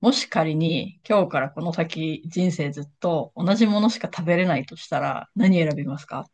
もし仮に今日からこの先人生ずっと同じものしか食べれないとしたら何選びますか？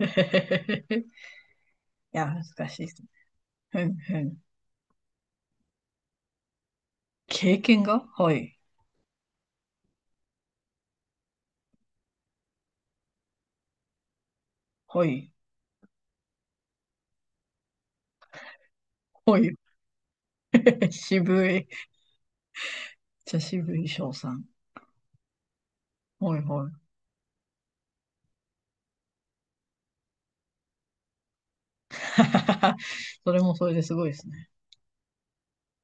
いや、難しいですね。ふんふん。経験が、はい。はい。はい。渋い。じゃ、渋い翔さん。はいはい。それもそれですごいですね。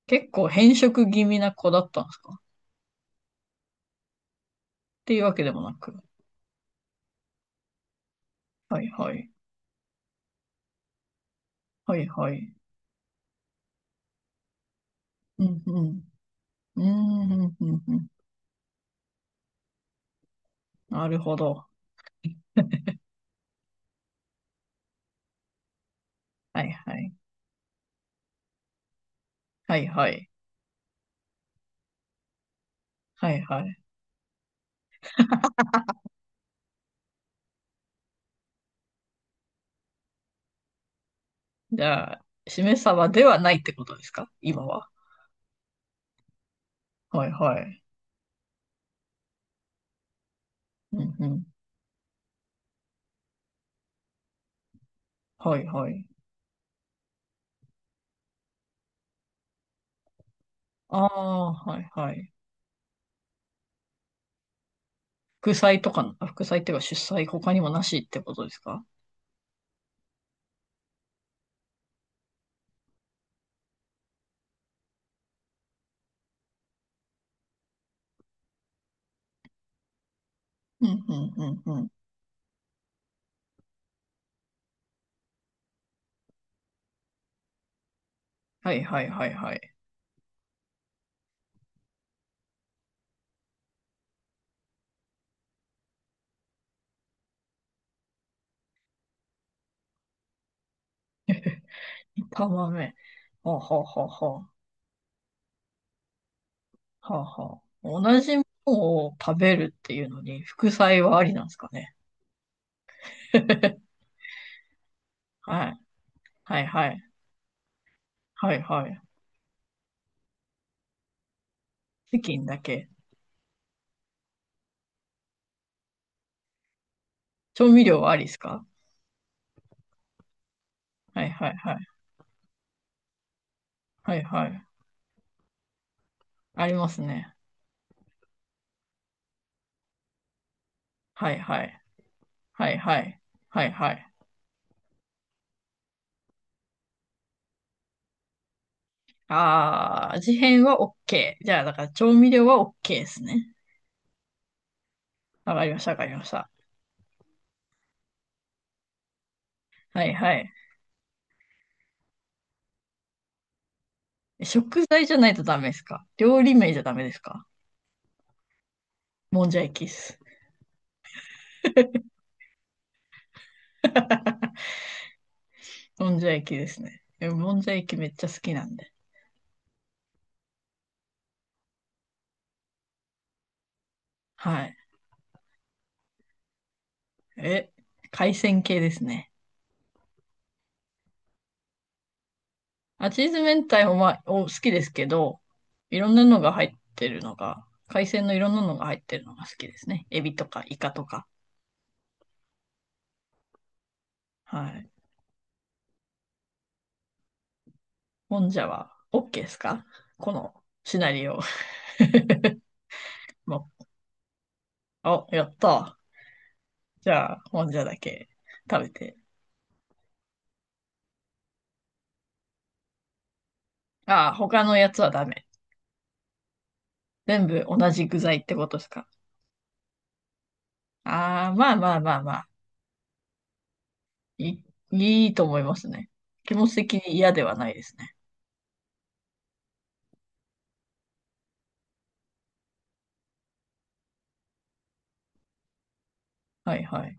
結構変色気味な子だったんですかっていうわけでもなく。はいはい。はいはい。うんうん。うんうんうんうん。なるほど。はいはい。はいはい。はいはい。じゃあ、しめ鯖ではないってことですか、今は？はいはい。うんうん。はいはい。ああ、はいはい。副菜とか、副菜っていうか、出菜、他にもなしってことですか？うんうんうんうん。はいはいはいはい。炒豆。はあはあはあはあ。はあはあ。同じものを食べるっていうのに、副菜はありなんですかね。はい。はいはい。はいはい。チキンだけ。調味料はありですか？はいはいはい。はいはい。ありますね。はいはい。はいはい。はいはい。ああ、味変は OK。じゃあ、だから調味料は OK ですね。わかりました、わかりました。はいはい。食材じゃないとダメですか？料理名じゃダメですか？もんじゃ焼きっす。もんじゃ焼きですね。もんじゃ焼きめっちゃ好きなんで。はい。え、海鮮系ですね。あ、チーズ明太もまあ、好きですけど、いろんなのが入ってるのが、海鮮のいろんなのが入ってるのが好きですね。エビとかイカとか。はい。もんじゃは OK ですか、このシナリオ？もう、やった。じゃあ、もんじゃだけ食べて。ああ、他のやつはダメ。全部同じ具材ってことですか？ああ、まあまあまあまあ。いいいと思いますね。気持ち的に嫌ではないですね。はいはい。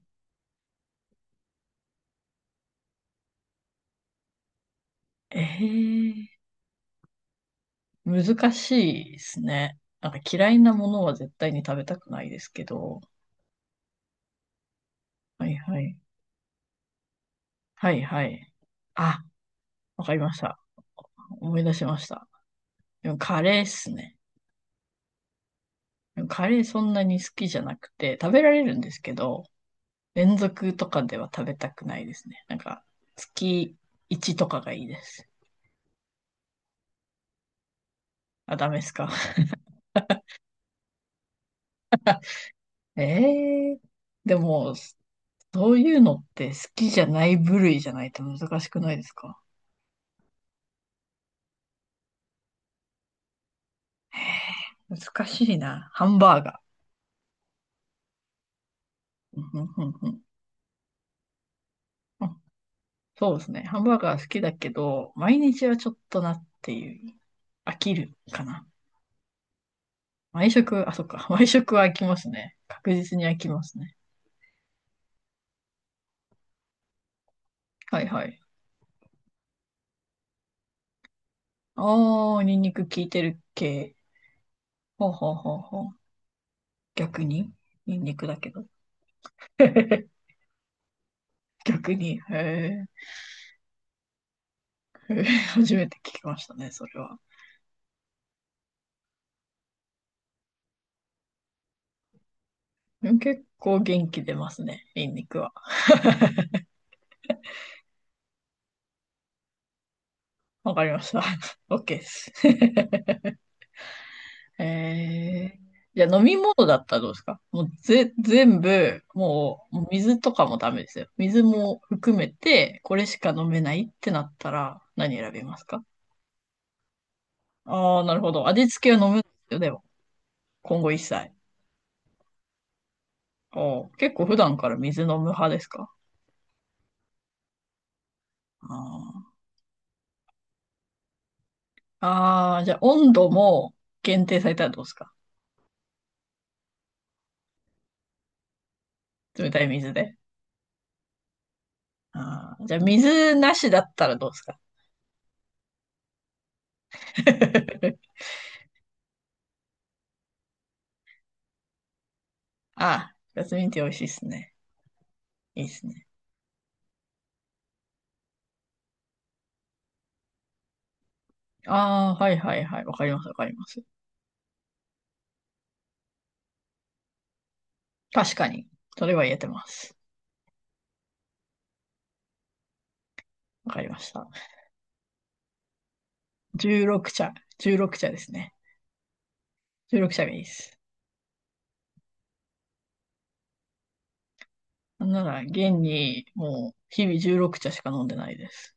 ええ、難しいですね。なんか嫌いなものは絶対に食べたくないですけど。はいはい。はいはい。あ、わかりました。思い出しました。でもカレーっすね。カレーそんなに好きじゃなくて、食べられるんですけど、連続とかでは食べたくないですね。なんか、月1とかがいいです。あ、ダメですか。ええー、でも、そういうのって好きじゃない部類じゃないと難しくないですか？え難しいな。ハンバーガー。うんうんうんうん。あ、そうですね。ハンバーガー好きだけど、毎日はちょっとなっていう。飽きるかな。毎食、あ、そっか。毎食は飽きますね。確実に飽きますね。はいはい。ああ、ニンニク効いてる系。ほうほうほうほう。逆にニンニクだけど。逆に。へえ。へえ、初めて聞きましたね、それは。でも結構元気出ますね、ニンニクは。わかりました。OK です。へえ。じゃあ飲み物だったらどうですか？もうぜ、全部、もう水とかもダメですよ。水も含めて、これしか飲めないってなったら何選びますか？ああー、なるほど。味付けは飲むんですよ、でも。今後一切。おう、結構普段から水飲む派ですか？あーあー、じゃあ温度も限定されたらどうですか？冷たい水で。あー、じゃあ水なしだったらどうですか？ ああ、ジャスミンティー美味しいっすね。いいっすね。ああ、はいはいはい。わかりますわかります。確かに。それは言えてます。わかりました。16茶。16茶ですね。16茶がいいです。なんなら、現にもう日々16茶しか飲んでないです。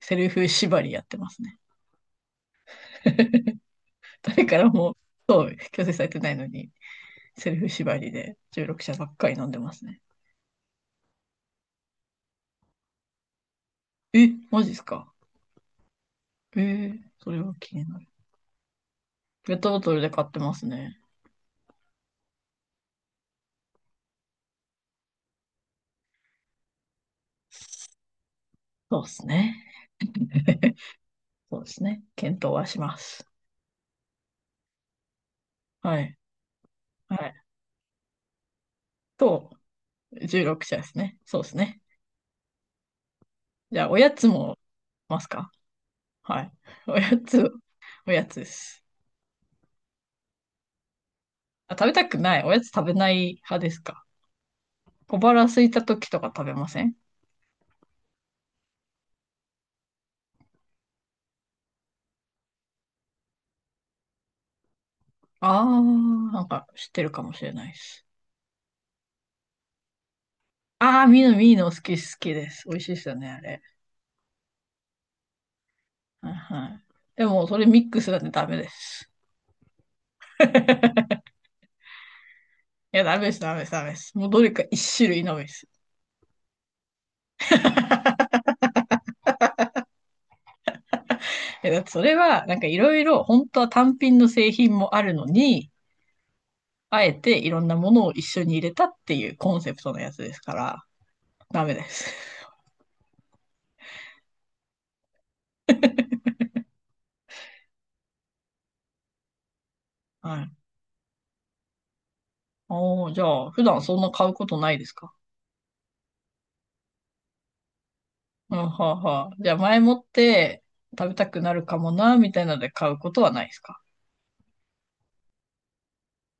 セルフ縛りやってますね。誰からも、そう、強制されてないのに、セルフ縛りで16社ばっかり飲んでますね。え、マジっすか？それは気になる。ペットボトルで買ってますね。そうですね。そうですね。検討はします。はい。はい。と、16社ですね。そうですね。じゃあ、おやつもますか？はい。おやつ、おやつです。あ、食べたくない。おやつ食べない派ですか？小腹空いた時とか食べません？ああー、なんか知ってるかもしれないです。ああ、ミーノ、ミーノ好き、好きです。美味しいですよね、あれ。はいはい。でも、それミックスだってダメです。いや、ダメです、ダメです、ダメです。もうどれか一種類のみです。いや、だってそれは、なんかいろいろ、本当は単品の製品もあるのに、あえていろんなものを一緒に入れたっていうコンセプトのやつですから、ダメです。はい。おー、じゃあ、普段そんな買うことないですか？うん、はあはあ。じゃあ、前もって食べたくなるかもな、みたいなので買うことはないですか？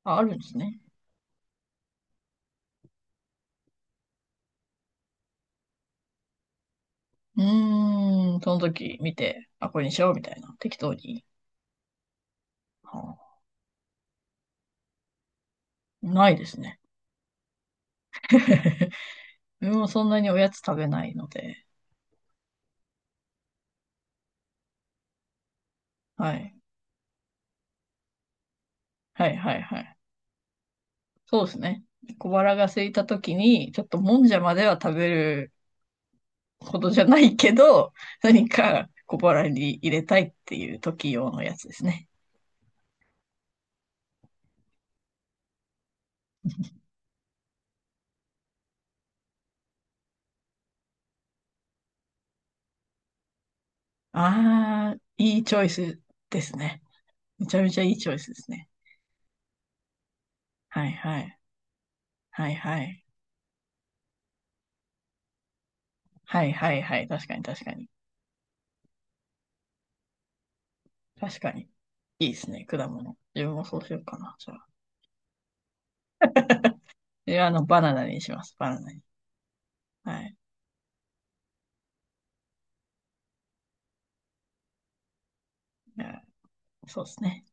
あ、あるんですね。うーん、その時見て、あ、これにしようみたいな、適当に。はあ、ないですね。自分もそんなにおやつ食べないので。はい。はいはいはい。そうですね。小腹が空いた時に、ちょっともんじゃまでは食べるほどじゃないけど、何か小腹に入れたいっていう時用のやつですね。ああ、いいチョイスですね。めちゃめちゃいいチョイスですね。はいはい。はいはい。はいはいはい。確かに確かに。確かに。いいですね、果物。自分もそうしようかな、じゃあ。いや、バナナにします、バナナに。はい。いや、そうですね。